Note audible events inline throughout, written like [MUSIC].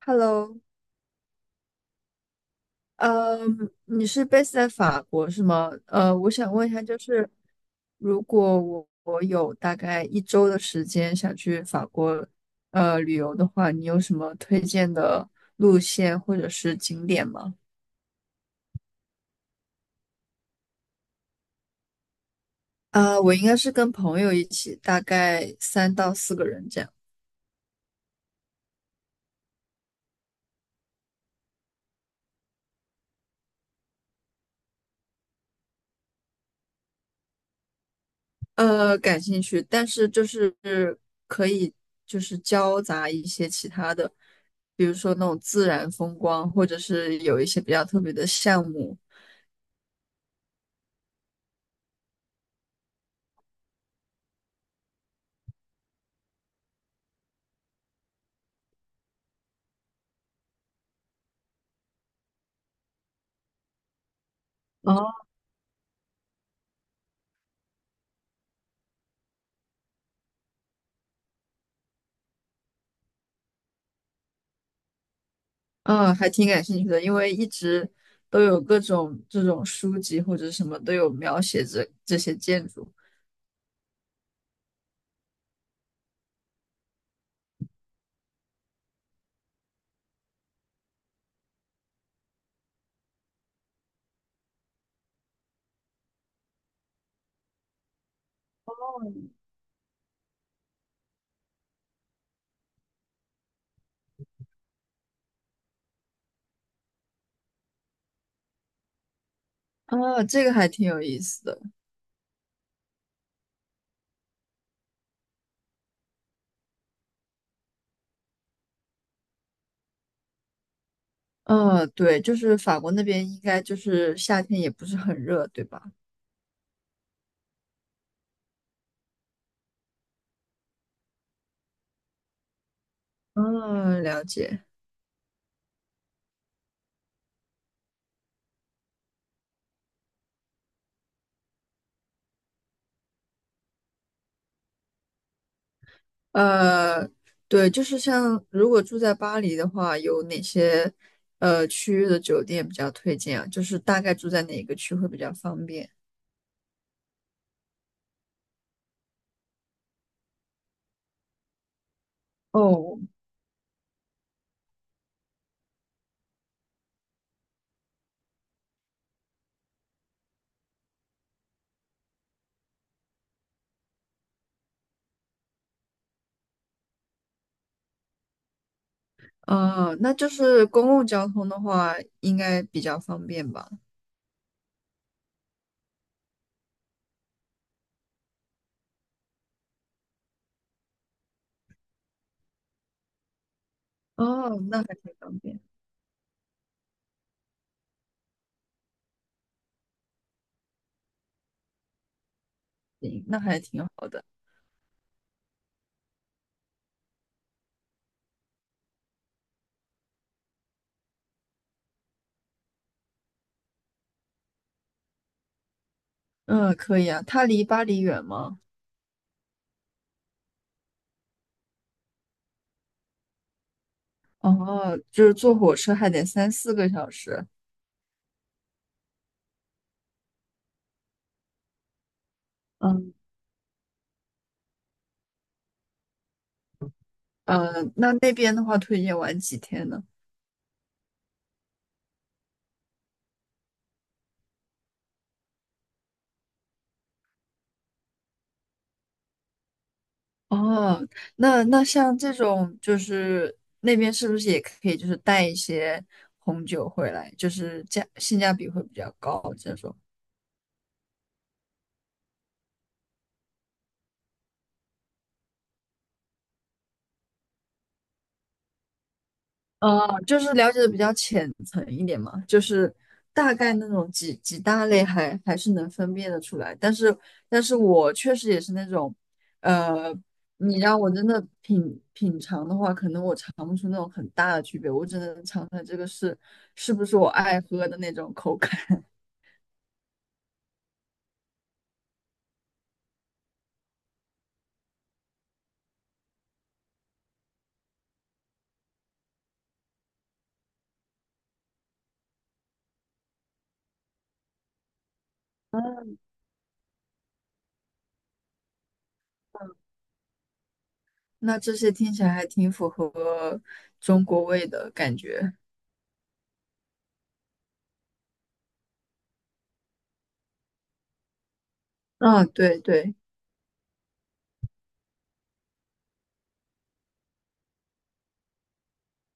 Hello，呃，你是 base 在法国是吗？我想问一下，就是如果我有大概一周的时间想去法国旅游的话，你有什么推荐的路线或者是景点吗？我应该是跟朋友一起，大概3到4个人这样。感兴趣，但是就是可以就是交杂一些其他的，比如说那种自然风光，或者是有一些比较特别的项目。哦，嗯，还挺感兴趣的，因为一直都有各种这种书籍或者什么都有描写这些建筑。哦，这个还挺有意思的。嗯，对，就是法国那边应该就是夏天也不是很热，对吧？嗯，了解。呃，对，就是像如果住在巴黎的话，有哪些区域的酒店比较推荐啊？就是大概住在哪个区会比较方便？哦，那就是公共交通的话，应该比较方便吧？哦，那还挺方便。行，那还挺好。嗯，可以啊。它离巴黎远吗？哦，就是坐火车还得3、4个小时。嗯，那那边的话，推荐玩几天呢？哦，那像这种，就是那边是不是也可以，就是带一些红酒回来，就是价性价比会比较高这种？就是了解的比较浅层一点嘛，就是大概那种几大类还是能分辨得出来，但是我确实也是那种。呃，你让我真的品尝的话，可能我尝不出那种很大的区别，我只能尝出来这个是不是我爱喝的那种口感。那这些听起来还挺符合中国味的感觉。啊，对对。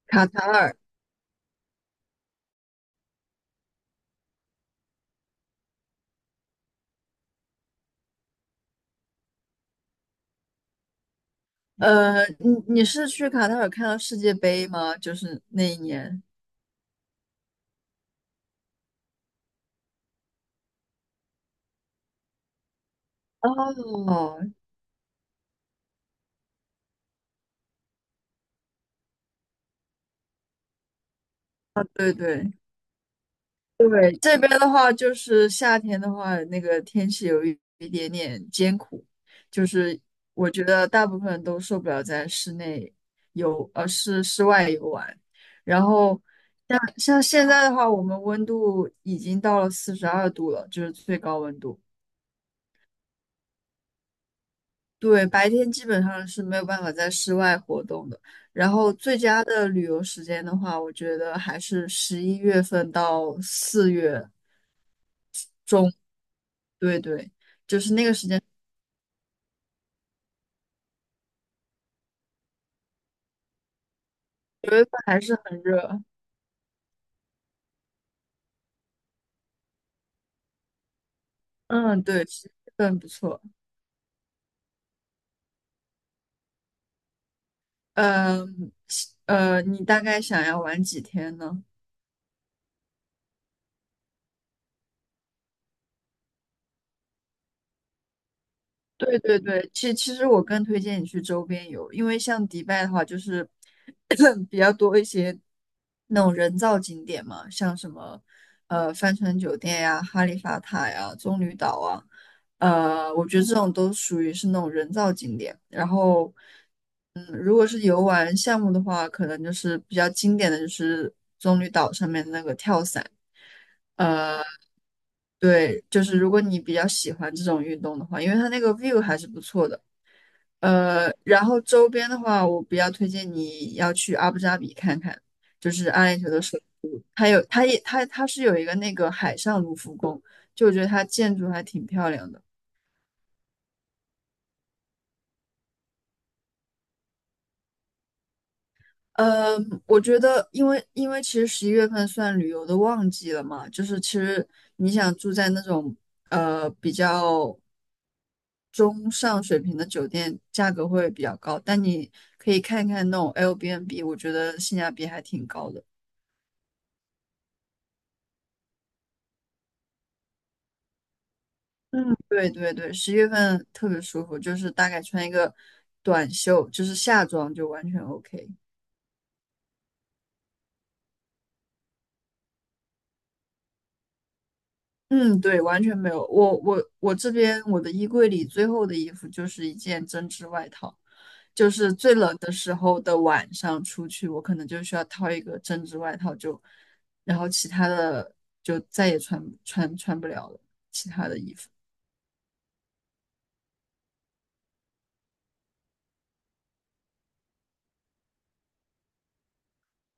卡塔尔。你是去卡塔尔看到世界杯吗？就是那一年。哦，对对对，这边的话就是夏天的话，那个天气有一点点艰苦，就是我觉得大部分人都受不了在室内游，室外游玩。然后像现在的话，我们温度已经到了42度了，就是最高温度。对，白天基本上是没有办法在室外活动的。然后最佳的旅游时间的话，我觉得还是11月份到4月。对对，就是那个时间。9月份还是很热。嗯，对，十一月份不错。嗯，你大概想要玩几天呢？对对对，其实我更推荐你去周边游，因为像迪拜的话，就是 [COUGHS] [CLEARS THROAT] 比较多一些那种人造景点嘛，像什么帆船酒店呀、哈利法塔呀、棕榈岛啊。我觉得这种都属于是那种人造景点。然后如果是游玩项目的话，可能就是比较经典的就是棕榈岛上面的那个跳伞。呃，对，就是如果你比较喜欢这种运动的话，因为它那个 view 还是不错的。然后周边的话，我比较推荐你要去阿布扎比看看，就是阿联酋的首都，它有，它也，它是有一个那个海上卢浮宫，就我觉得它建筑还挺漂亮的。呃，我觉得，因为其实十一月份算旅游的旺季了嘛，就是其实你想住在那种比较中上水平的酒店，价格会比较高，但你可以看看那种 Airbnb，我觉得性价比还挺高的。嗯，对对对，十一月份特别舒服，就是大概穿一个短袖，就是夏装就完全 OK。嗯，对，完全没有。我这边我的衣柜里最后的衣服就是一件针织外套，就是最冷的时候的晚上出去，我可能就需要套一个针织外套就，然后其他的就再也穿不了了，其他的衣服。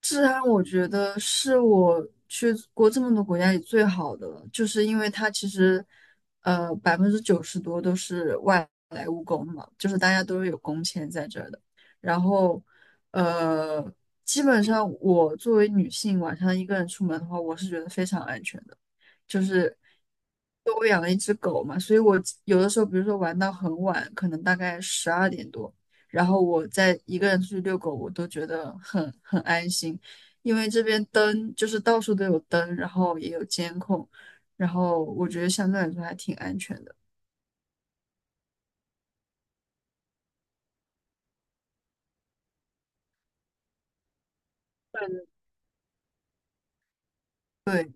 治安我觉得是我去过这么多国家里最好的了，就是因为它其实，90%多都是外来务工嘛，就是大家都是有工签在这儿的。然后，呃，基本上我作为女性晚上一个人出门的话，我是觉得非常安全的。就是我养了一只狗嘛，所以我有的时候，比如说玩到很晚，可能大概12点多，然后我再一个人出去遛狗，我都觉得很安心，因为这边灯就是到处都有灯，然后也有监控，然后我觉得相对来说还挺安全的。对。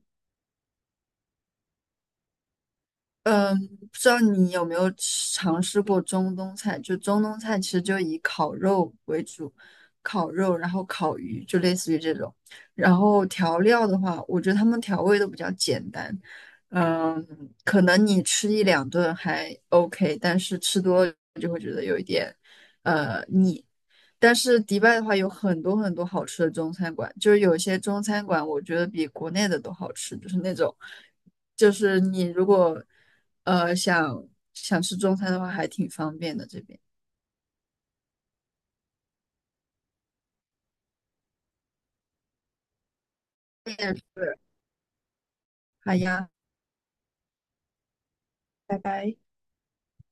嗯，不知道你有没有吃尝试过中东菜？就中东菜其实就以烤肉为主，烤肉，然后烤鱼，就类似于这种。然后调料的话，我觉得他们调味都比较简单。嗯，可能你吃一两顿还 OK，但是吃多了就会觉得有一点腻。但是迪拜的话有很多很多好吃的中餐馆，就是有些中餐馆我觉得比国内的都好吃，就是那种，就是你如果呃想想吃中餐的话，还挺方便的这边。你也是。好呀，拜拜。